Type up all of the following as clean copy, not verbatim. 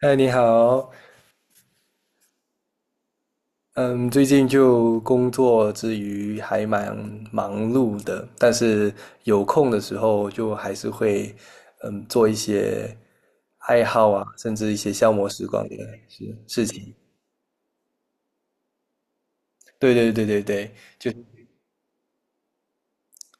嗨，你好。嗯，最近就工作之余还蛮忙碌的，但是有空的时候就还是会做一些爱好啊，甚至一些消磨时光的事情。对对对对对，就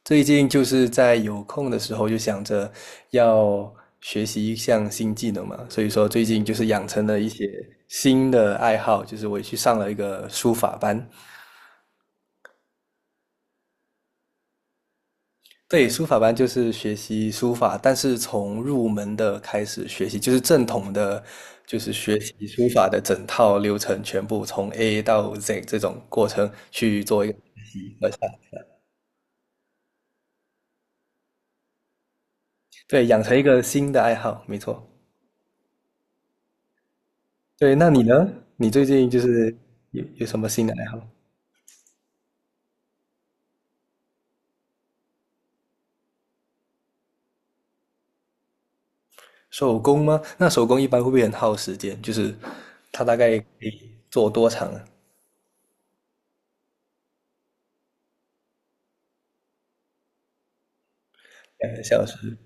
最近就是在有空的时候就想着要学习一项新技能嘛，所以说最近就是养成了一些新的爱好，就是我也去上了一个书法班。对，书法班就是学习书法，但是从入门的开始学习，就是正统的，就是学习书法的整套流程，全部从 A 到 Z 这种过程去做一个，对，养成一个新的爱好，没错。对，那你呢？你最近就是有什么新的爱好？手工吗？那手工一般会不会很耗时间？就是它大概可以做多长啊？两个小时？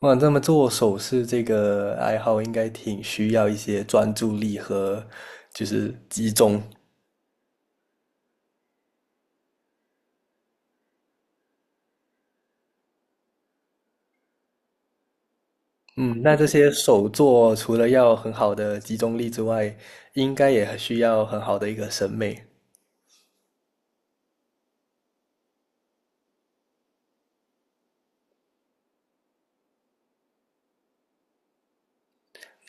我想这么做首饰这个爱好应该挺需要一些专注力和就是集中。嗯，那这些手作除了要很好的集中力之外，应该也需要很好的一个审美。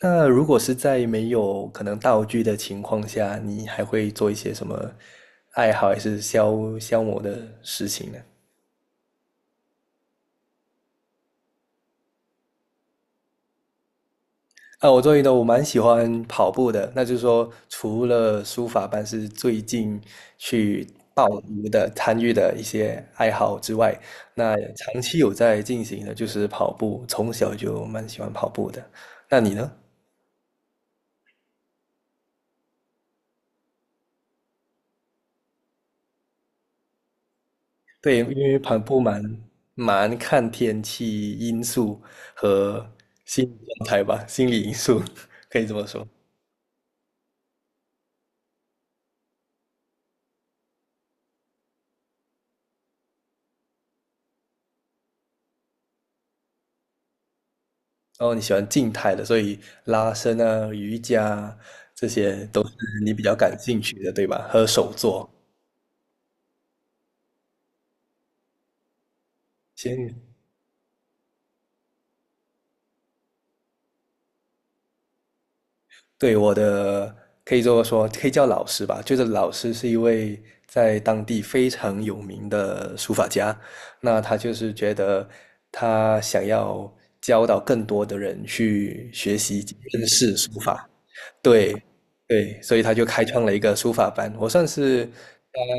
那如果是在没有可能道具的情况下，你还会做一些什么爱好还是消磨的事情呢？啊，我周瑜的我蛮喜欢跑步的，那就是说，除了书法班是最近去报名的、参与的一些爱好之外，那长期有在进行的就是跑步，从小就蛮喜欢跑步的。那你呢？对，因为跑步蛮看天气因素和心理状态吧，心理因素 可以这么说。哦，你喜欢静态的，所以拉伸啊、瑜伽啊这些都是你比较感兴趣的，对吧？和手作。先对，我的可以这么说，可以叫老师吧。就是老师是一位在当地非常有名的书法家，那他就是觉得他想要教导更多的人去学习认识书法，对，对，所以他就开创了一个书法班，我算是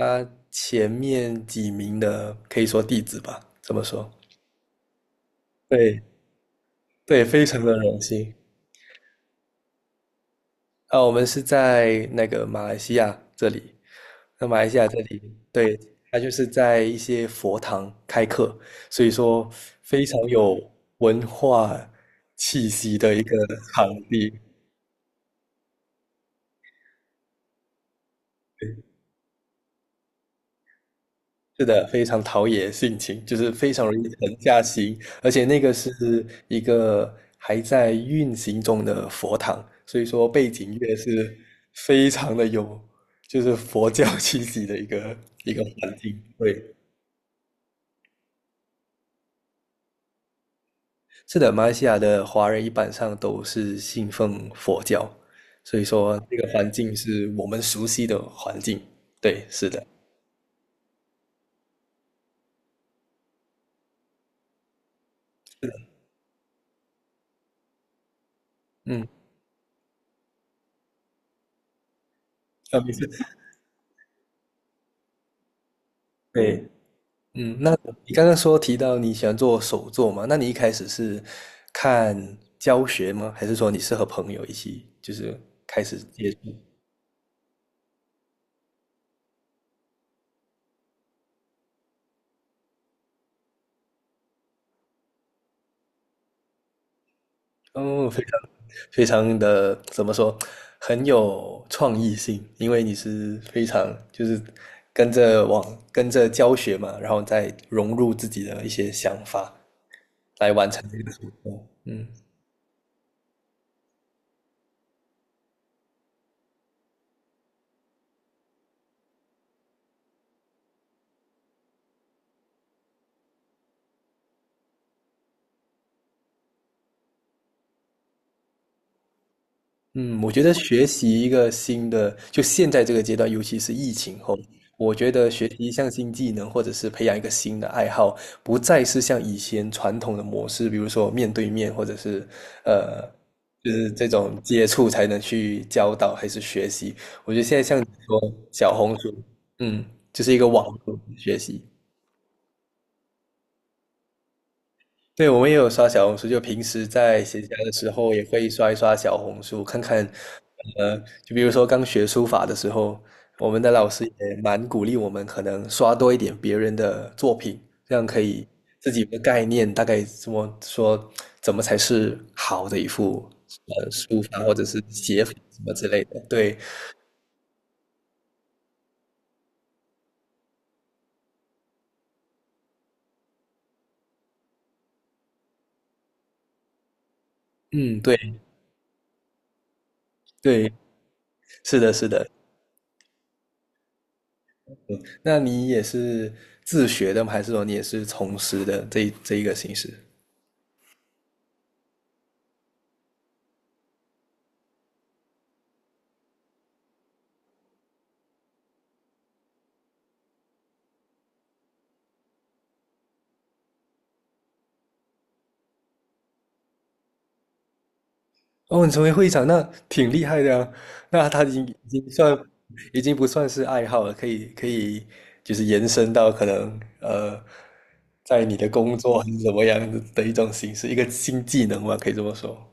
他前面几名的，可以说弟子吧，怎么说。对，对，非常的荣幸。啊，我们是在那个马来西亚这里，那马来西亚这里，对，他就是在一些佛堂开课，所以说非常有文化气息的一个场地。是的，非常陶冶性情，就是非常容易沉下心，而且那个是一个还在运行中的佛堂，所以说背景乐是非常的有，就是佛教气息的一个环境。对，是的，马来西亚的华人一般上都是信奉佛教，所以说这个环境是我们熟悉的环境。对，是的，是的嗯，啊，没事，对。嗯，那你刚刚说提到你喜欢做手作嘛？那你一开始是看教学吗？还是说你是和朋友一起就是开始接触？哦，非常怎么说，很有创意性，因为你是非常就是跟着往跟着教学嘛，然后再融入自己的一些想法来完成这个手作。嗯嗯，我觉得学习一个新的，就现在这个阶段，尤其是疫情后，我觉得学习一项新技能，或者是培养一个新的爱好，不再是像以前传统的模式，比如说面对面，或者是呃，就是这种接触才能去教导还是学习，说小红书，嗯，就是一个网络学习。对，我们也有刷小红书，就平时在闲暇的时候也会刷一刷小红书，看看，呃，就比如说刚学书法的时候，我们的老师也蛮鼓励我们，可能刷多一点别人的作品，这样可以自己有个概念，大概怎么说，怎么才是好的一幅书法或者是写法什么之类的。对，嗯，对对，是的，是的。那你也是自学的吗？还是说你也是从师的这一个形式？哦，你成为会长，那挺厉害的啊。那他已经算，已经不算是爱好了，可以可以，就是延伸到可能在你的工作还是怎么样的的一种形式，一个新技能吧，可以这么说。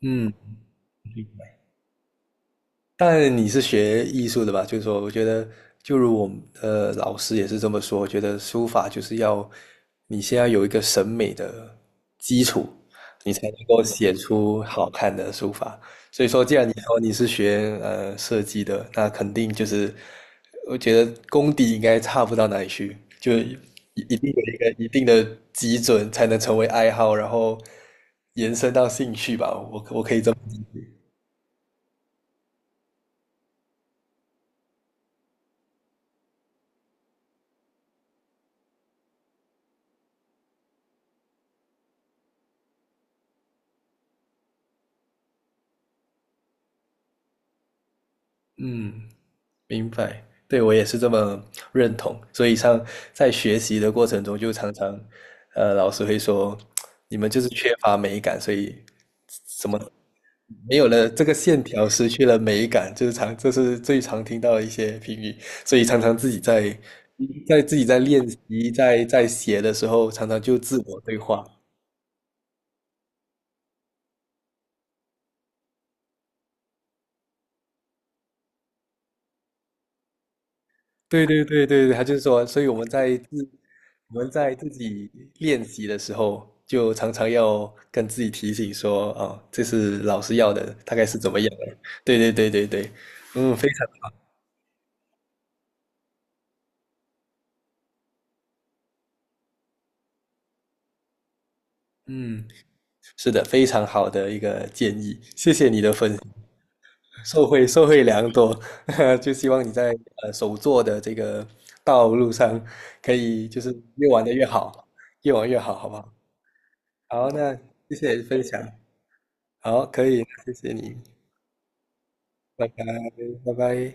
嗯，但你是学艺术的吧？就是说，我觉得，就如我们老师也是这么说，我觉得书法就是要你先要有一个审美的基础，你才能够写出好看的书法。所以说，既然你说你是学设计的，那肯定就是我觉得功底应该差不到哪里去，就一定有一个一定的基准才能成为爱好，然后延伸到兴趣吧。我可以这么嗯。明白，对，我也是这么认同。所以像在学习的过程中，就常常，老师会说，你们就是缺乏美感，所以没有了这个线条，失去了美感，就是常，这是最常听到的一些评语。所以常常自己在自己在练习，在写的时候，常常就自我对话，对对对对对，他就是说，所以我们在自己练习的时候，就常常要跟自己提醒说，哦，这是老师要的，大概是怎么样的？对对对对对，嗯，非常，嗯，是的，非常好的一个建议，谢谢你的分享，受惠良多，就希望你在手作的这个道路上，可以就是越玩的越好，越玩越好，好不好？好，那谢谢分享，好，可以，谢谢你。拜拜，拜拜。